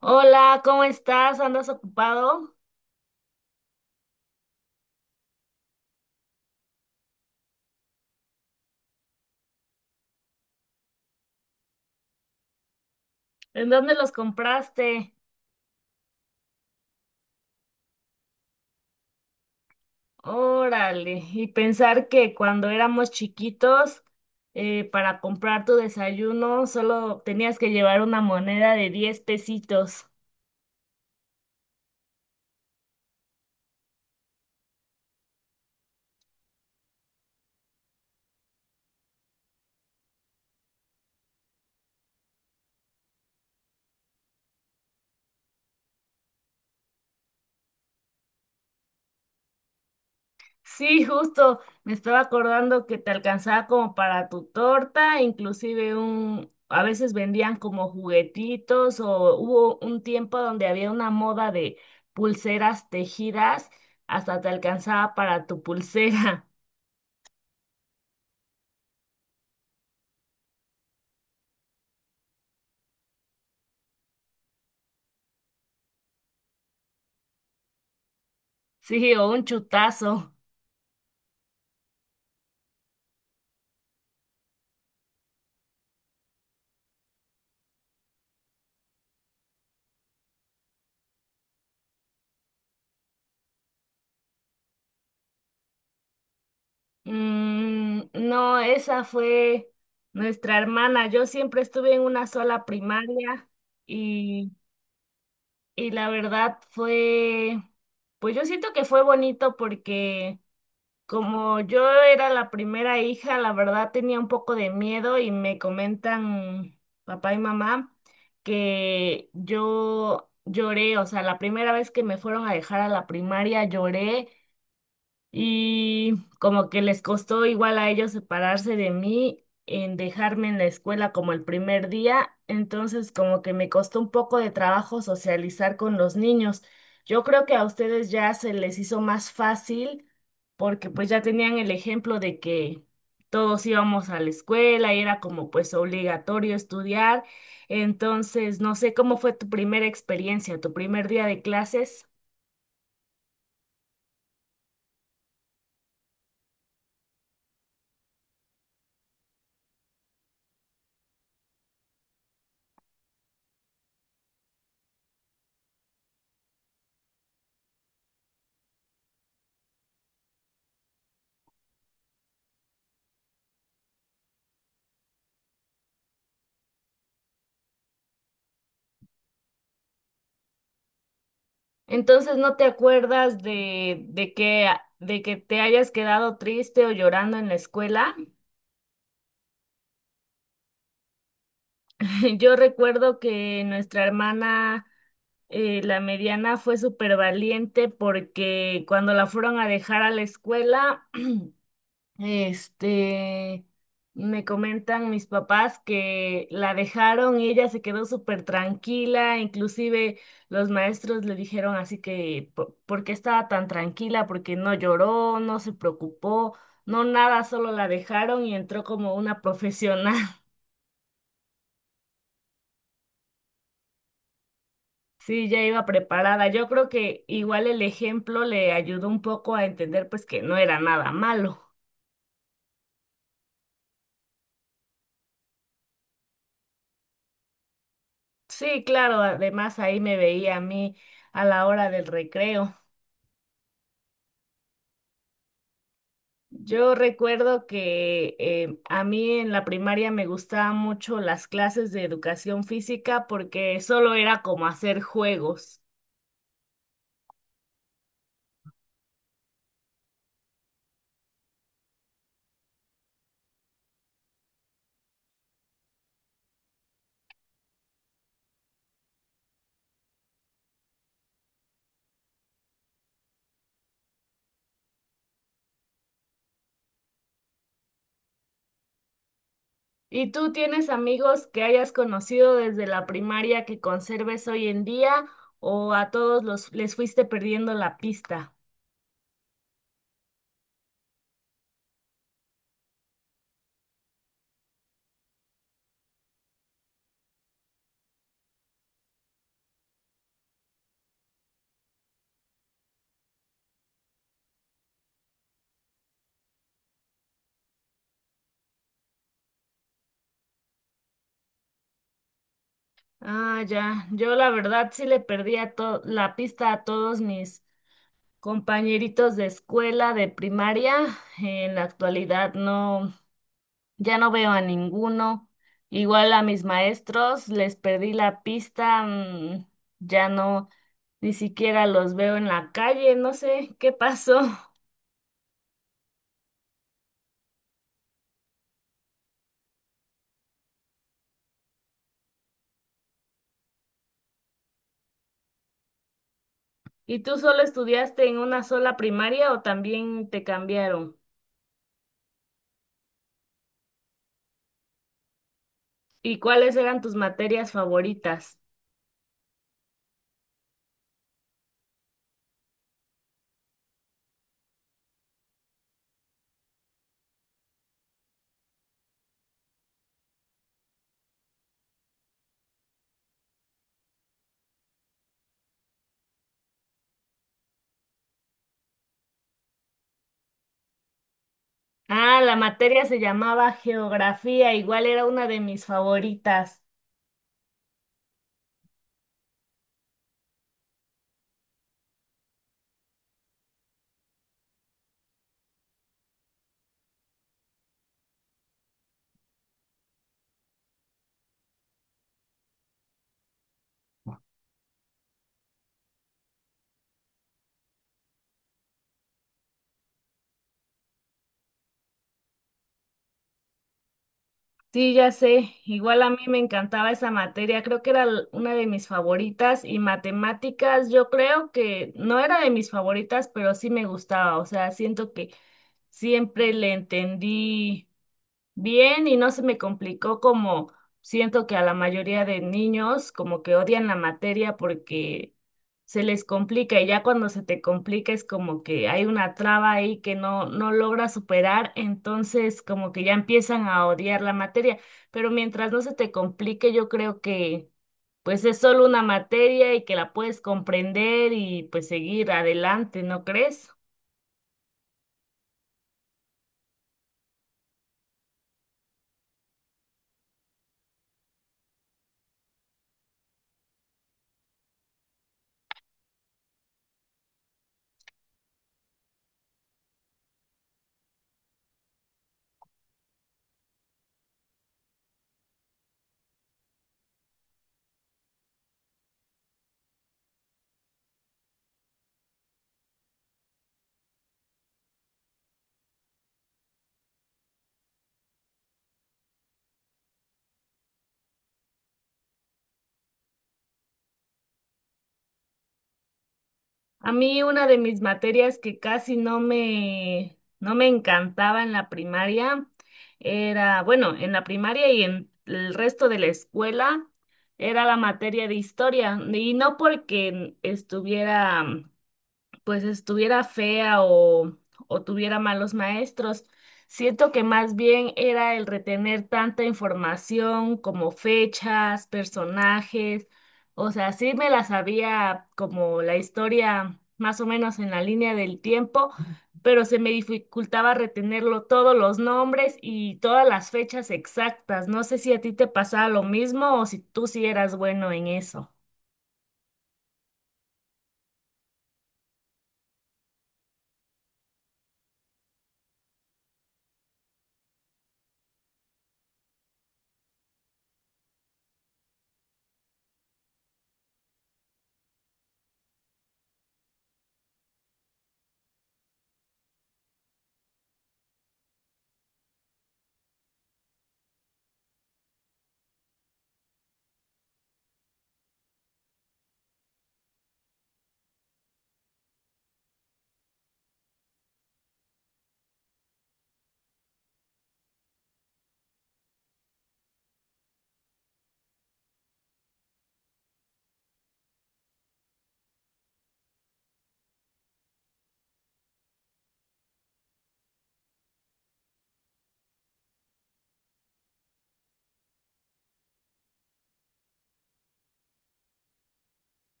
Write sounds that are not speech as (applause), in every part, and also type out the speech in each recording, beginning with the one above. Hola, ¿cómo estás? ¿Andas ocupado? ¿En dónde los compraste? Órale, y pensar que cuando éramos chiquitos, para comprar tu desayuno solo tenías que llevar una moneda de 10 pesitos. Sí, justo me estaba acordando que te alcanzaba como para tu torta, inclusive un, a veces vendían como juguetitos o hubo un tiempo donde había una moda de pulseras tejidas, hasta te alcanzaba para tu pulsera. (laughs) Sí, o un chutazo. Mm, no, esa fue nuestra hermana. Yo siempre estuve en una sola primaria. Y la verdad fue, pues yo siento que fue bonito porque como yo era la primera hija, la verdad tenía un poco de miedo y me comentan papá y mamá que yo lloré, o sea, la primera vez que me fueron a dejar a la primaria lloré y como que les costó igual a ellos separarse de mí en dejarme en la escuela como el primer día. Entonces, como que me costó un poco de trabajo socializar con los niños. Yo creo que a ustedes ya se les hizo más fácil porque pues ya tenían el ejemplo de que todos íbamos a la escuela y era como pues obligatorio estudiar. Entonces, no sé cómo fue tu primera experiencia, tu primer día de clases. Entonces, ¿no te acuerdas de que te hayas quedado triste o llorando en la escuela? (laughs) Yo recuerdo que nuestra hermana, la mediana, fue súper valiente porque cuando la fueron a dejar a la escuela, este, me comentan mis papás que la dejaron y ella se quedó súper tranquila. Inclusive los maestros le dijeron así que, ¿por qué estaba tan tranquila? Porque no lloró, no se preocupó, no nada, solo la dejaron y entró como una profesional. (laughs) Sí, ya iba preparada. Yo creo que igual el ejemplo le ayudó un poco a entender pues que no era nada malo. Sí, claro, además ahí me veía a mí a la hora del recreo. Yo recuerdo que a mí en la primaria me gustaban mucho las clases de educación física porque solo era como hacer juegos. ¿Y tú tienes amigos que hayas conocido desde la primaria que conserves hoy en día o a todos los les fuiste perdiendo la pista? Ah, ya. Yo la verdad sí le perdí la pista a todos mis compañeritos de escuela, de primaria. En la actualidad no. Ya no veo a ninguno. Igual a mis maestros, les perdí la pista, ya no, ni siquiera los veo en la calle, no sé qué pasó. (laughs) ¿Y tú solo estudiaste en una sola primaria o también te cambiaron? ¿Y cuáles eran tus materias favoritas? Ah, la materia se llamaba geografía, igual era una de mis favoritas. Sí, ya sé. Igual a mí me encantaba esa materia. Creo que era una de mis favoritas y matemáticas, yo creo que no era de mis favoritas, pero sí me gustaba. O sea, siento que siempre le entendí bien y no se me complicó, como siento que a la mayoría de niños como que odian la materia porque se les complica, y ya cuando se te complica es como que hay una traba ahí que no logra superar, entonces como que ya empiezan a odiar la materia. Pero mientras no se te complique yo creo que pues es solo una materia y que la puedes comprender y pues seguir adelante, ¿no crees? A mí una de mis materias que casi no me, no me encantaba en la primaria era, bueno, en la primaria y en el resto de la escuela era la materia de historia. Y no porque estuviera pues estuviera fea o tuviera malos maestros. Siento que más bien era el retener tanta información como fechas, personajes, o sea, sí me la sabía como la historia más o menos en la línea del tiempo, pero se me dificultaba retenerlo todos los nombres y todas las fechas exactas. No sé si a ti te pasaba lo mismo o si tú sí eras bueno en eso.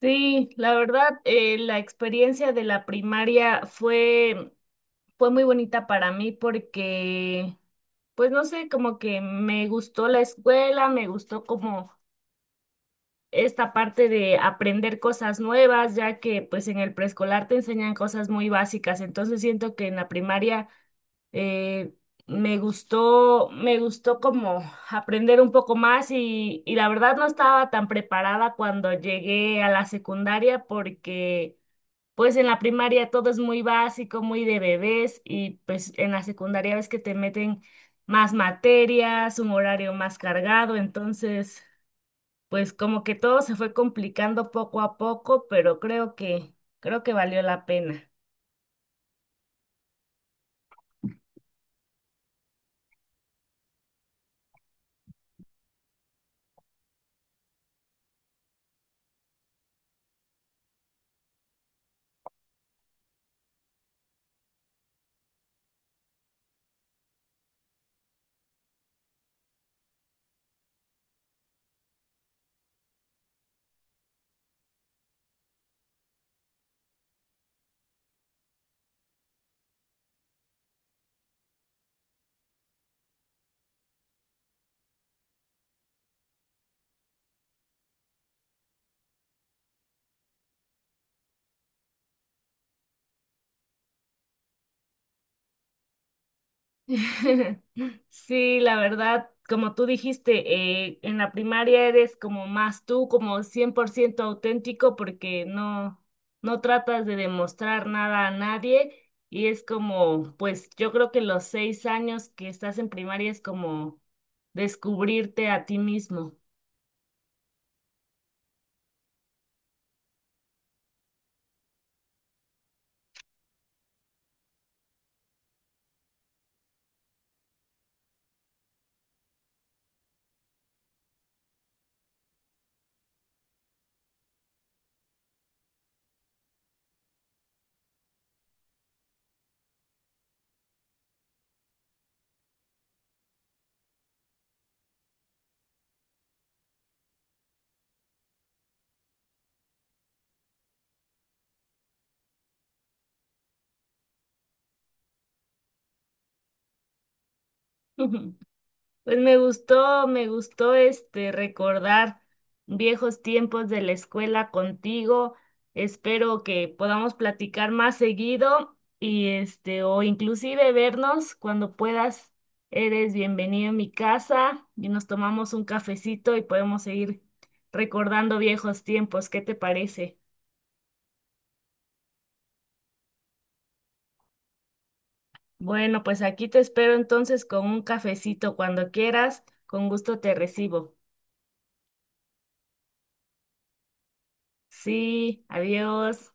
Sí, la verdad, la experiencia de la primaria fue muy bonita para mí porque, pues no sé, como que me gustó la escuela, me gustó como esta parte de aprender cosas nuevas, ya que pues en el preescolar te enseñan cosas muy básicas. Entonces siento que en la primaria eh, me gustó como aprender un poco más, y la verdad no estaba tan preparada cuando llegué a la secundaria porque pues en la primaria todo es muy básico, muy de bebés, y pues en la secundaria ves que te meten más materias, un horario más cargado, entonces pues como que todo se fue complicando poco a poco, pero creo que valió la pena. (laughs) Sí, la verdad, como tú dijiste, en la primaria eres como más tú, como 100% auténtico porque no tratas de demostrar nada a nadie, y es como, pues yo creo que los 6 años que estás en primaria es como descubrirte a ti mismo. (laughs) Pues me gustó este recordar viejos tiempos de la escuela contigo. Espero que podamos platicar más seguido y este o inclusive vernos cuando puedas. Eres bienvenido a mi casa y nos tomamos un cafecito y podemos seguir recordando viejos tiempos. ¿Qué te parece? Bueno, pues aquí te espero entonces con un cafecito cuando quieras. Con gusto te recibo. Sí, adiós.